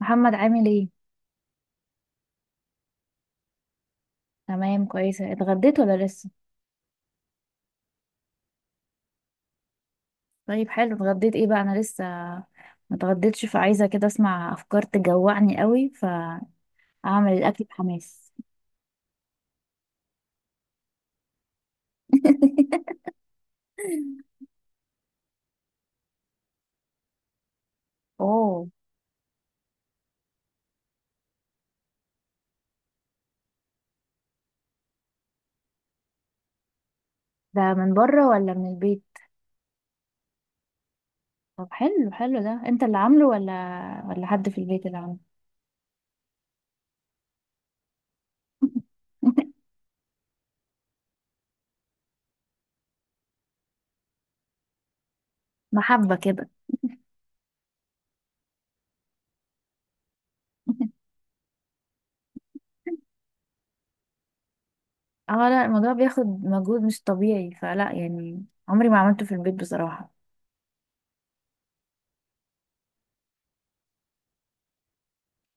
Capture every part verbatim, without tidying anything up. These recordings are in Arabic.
محمد عامل ايه؟ تمام كويسه. اتغديت ولا لسه؟ طيب حلو. اتغديت ايه بقى؟ انا لسه ما اتغديتش، فعايزه كده اسمع افكار تجوعني قوي فاعمل الاكل بحماس. اوه. ده من بره ولا من البيت؟ طب حلو حلو، ده انت اللي عامله، ولا ولا حد في البيت اللي عامله؟ محبه كده؟ اه لا، الموضوع بياخد مجهود مش طبيعي، فلا يعني عمري ما عملته في البيت بصراحه.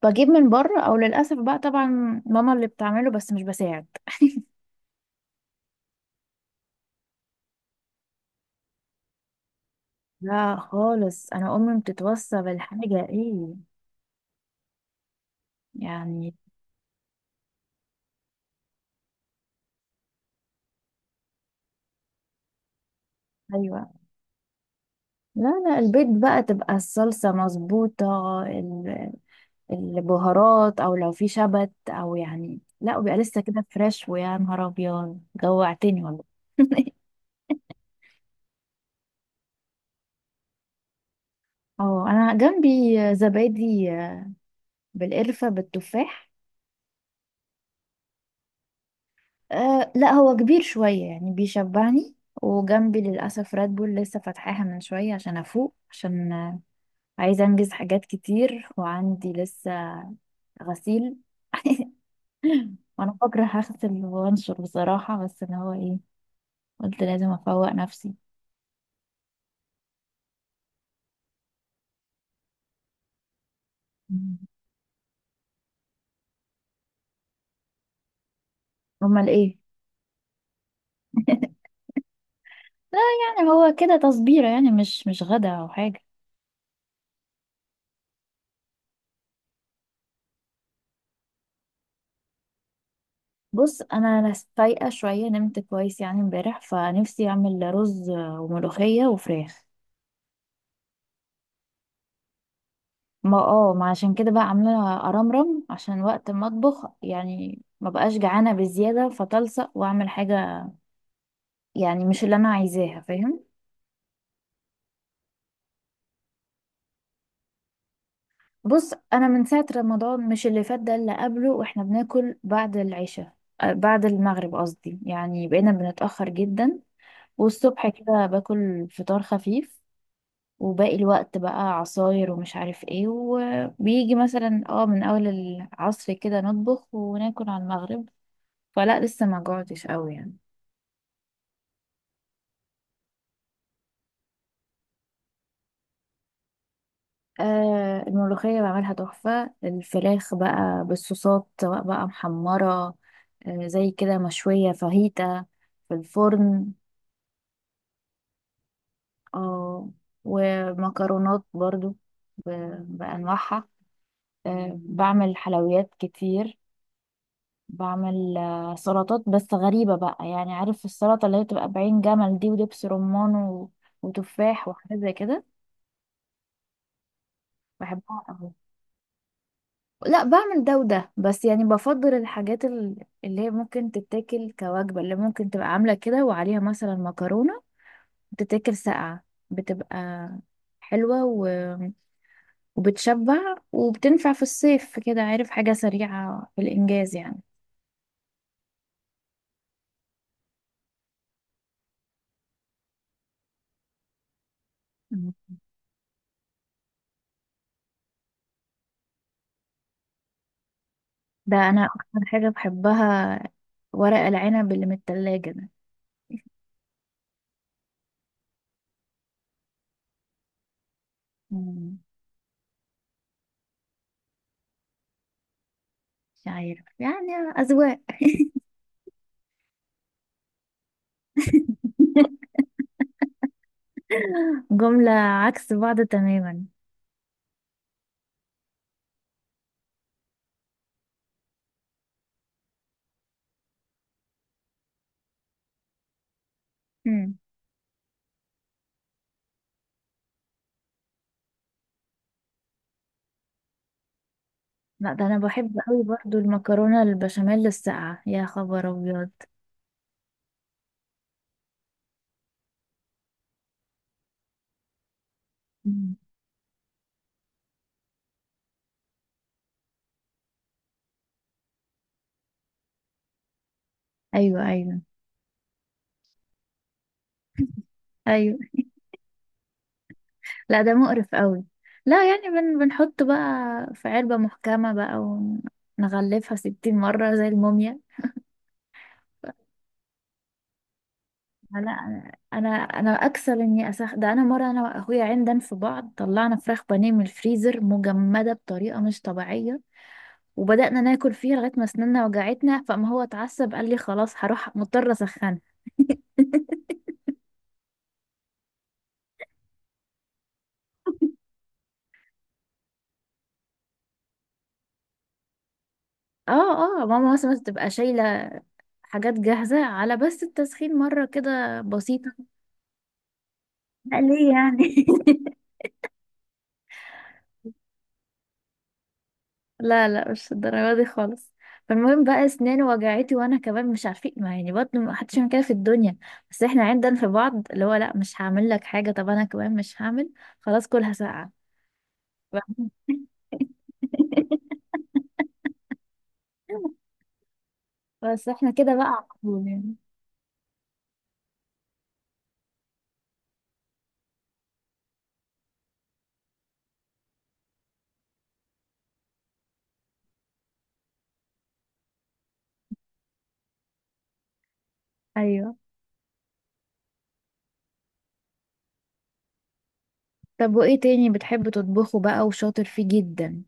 بجيب من بره، او للاسف بقى طبعا ماما اللي بتعمله بس مش بساعد. لا خالص، انا امي بتتوصى بالحاجه. ايه يعني. ايوه. لا لا، البيت بقى تبقى الصلصه مظبوطه، ال- البهارات، او لو في شبت، او يعني لا، وبيبقى لسه كده فريش، ويا نهار ابيض جوعتني والله. اه انا جنبي زبادي بالقرفه بالتفاح. أه لا، هو كبير شوية يعني بيشبعني. وجنبي للأسف راد بول لسه فاتحاها من شوية عشان أفوق، عشان آه، عايزة أنجز حاجات كتير وعندي لسه غسيل. وأنا بكره هغسل وأنشر بصراحة، بس اللي هو إيه، قلت لازم أفوق نفسي. مم. أمال إيه؟ لا يعني هو كده تصبيرة يعني مش مش غدا أو حاجة. بص أنا أنا فايقة شوية، نمت كويس يعني امبارح، فنفسي أعمل رز وملوخية وفراخ. ما اه ما عشان كده بقى عاملة أرمرم، عشان وقت ما أطبخ يعني ما بقاش جعانة بزيادة فتلصق وأعمل حاجة. يعني مش اللي أنا عايزاها، فاهم. بص أنا من ساعة رمضان، مش اللي فات ده اللي قبله، وإحنا بناكل بعد العشاء، آه، بعد المغرب قصدي، يعني بقينا بنتأخر جدا. والصبح كده باكل فطار خفيف. وباقي الوقت بقى عصاير ومش عارف ايه، وبيجي مثلا اه من أول العصر كده نطبخ وناكل على المغرب. فلا لسه ما جوعتش قوي يعني. آه، الملوخية بعملها تحفة. الفراخ بقى بالصوصات، سواء بقى محمرة، آه زي كده مشوية، فاهيتا في الفرن. آه، ومكرونات برضو، ب- بأنواعها. آه بعمل حلويات كتير. بعمل آه سلطات بس غريبة بقى، يعني عارف السلطة اللي هي بتبقى بعين جمل دي، ودبس رمان و- وتفاح، وحاجات زي كده. بحبها. لا، بعمل ده وده، بس يعني بفضل الحاجات ال- اللي هي ممكن تتاكل كوجبة، اللي ممكن تبقى عاملة كده وعليها مثلا مكرونة تتاكل ساقعة، بتبقى حلوة و... وبتشبع وبتنفع في الصيف كده، عارف، حاجة سريعة في الإنجاز يعني. مم. ده أنا أكتر حاجة بحبها، ورق العنب اللي من التلاجة ده. مم. مش عارف يعني. أذواق. جملة عكس بعض تماما. لا، ده انا بحب قوي برضو المكرونه البشاميل الساقعه. يا خبر ابيض. مم. ايوه، ايوه، ايوه. لا، ده مقرف قوي. لا يعني بن بنحط بقى في علبه محكمه بقى، ونغلفها ستين مره زي الموميا. لا، انا انا أنا اكسل اني اسخ، ده انا مره انا واخويا عندنا في بعض طلعنا فراخ بانيه من الفريزر مجمده بطريقه مش طبيعيه، وبدأنا ناكل فيها لغاية ما أسناننا وجعتنا، فما هو اتعصب قال لي خلاص هروح، مضطرة أسخنها. اه، اه، ماما مثلا تبقى شايلة حاجات جاهزة، على بس التسخين مرة كده بسيطة. لا، ليه يعني؟ لا لا، مش الدرجة دي خالص. فالمهم بقى اسناني وجعتي وانا كمان مش عارفين، ما يعني برضه ما حدش يعمل كده في الدنيا، بس احنا عندنا في بعض اللي هو لا مش هعمل لك حاجة، طب انا كمان مش هعمل. خلاص كلها ساقعة. بس احنا كده بقى على طول يعني. ايوه. طب وايه تاني بتحب تطبخه بقى وشاطر فيه جدا؟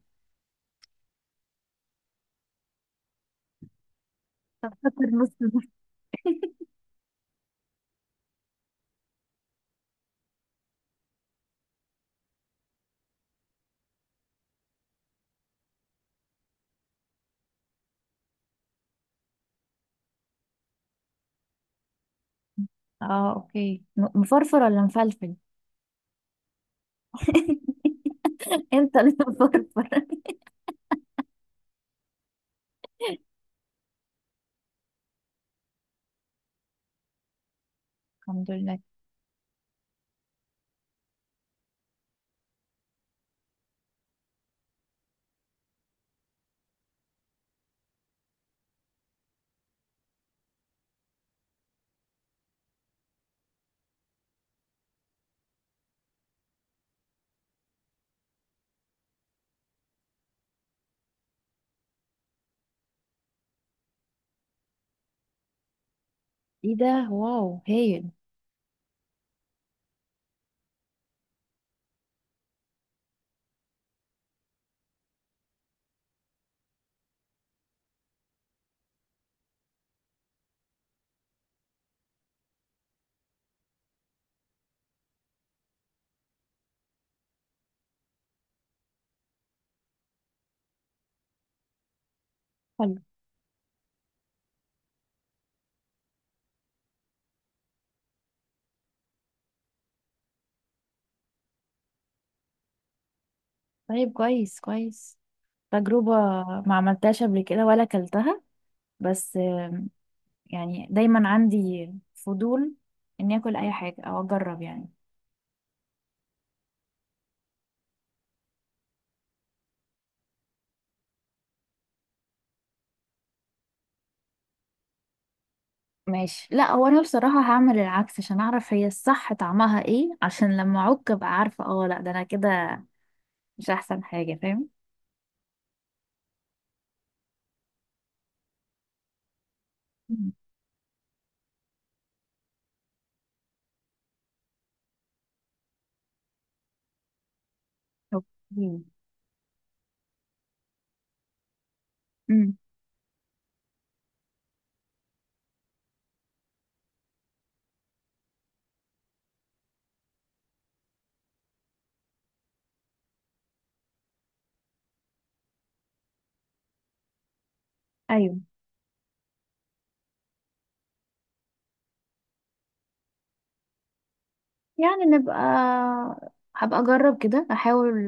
شاطر نص نص. اه اوكي، م- مفرفر ولا مفلفل؟ انت اللي بفرفر. الحمد لله. ايه ده؟ واو هايل. حلو. طيب كويس كويس. تجربة ما عملتهاش قبل كده ولا اكلتها. بس آم، يعني دايما عندي فضول اني اكل اي حاجة او اجرب يعني. ماشي. لا هو انا بصراحة هعمل العكس، عشان اعرف هي الصح طعمها ايه، عشان لما اعك ابقى عارفة اه لا، ده انا كده مش احسن حاجة، فاهم. مم. اوكي. امم ايوه يعني. نبقى هبقى اجرب كده، احاول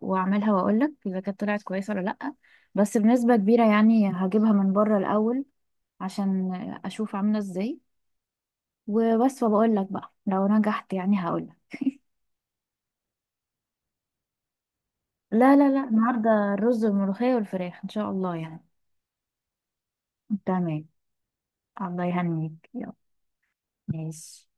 واعملها واقولك اذا كانت طلعت كويسه ولا لا. بس بنسبه كبيره يعني هجيبها من بره الاول، عشان اشوف عامله ازاي وبس، وبقول لك بقى لو نجحت يعني هقولك. لا، لا، لا، النهارده الرز والملوخيه والفراخ ان شاء الله يعني. تمام. الله يهنيك. يلا ماشي.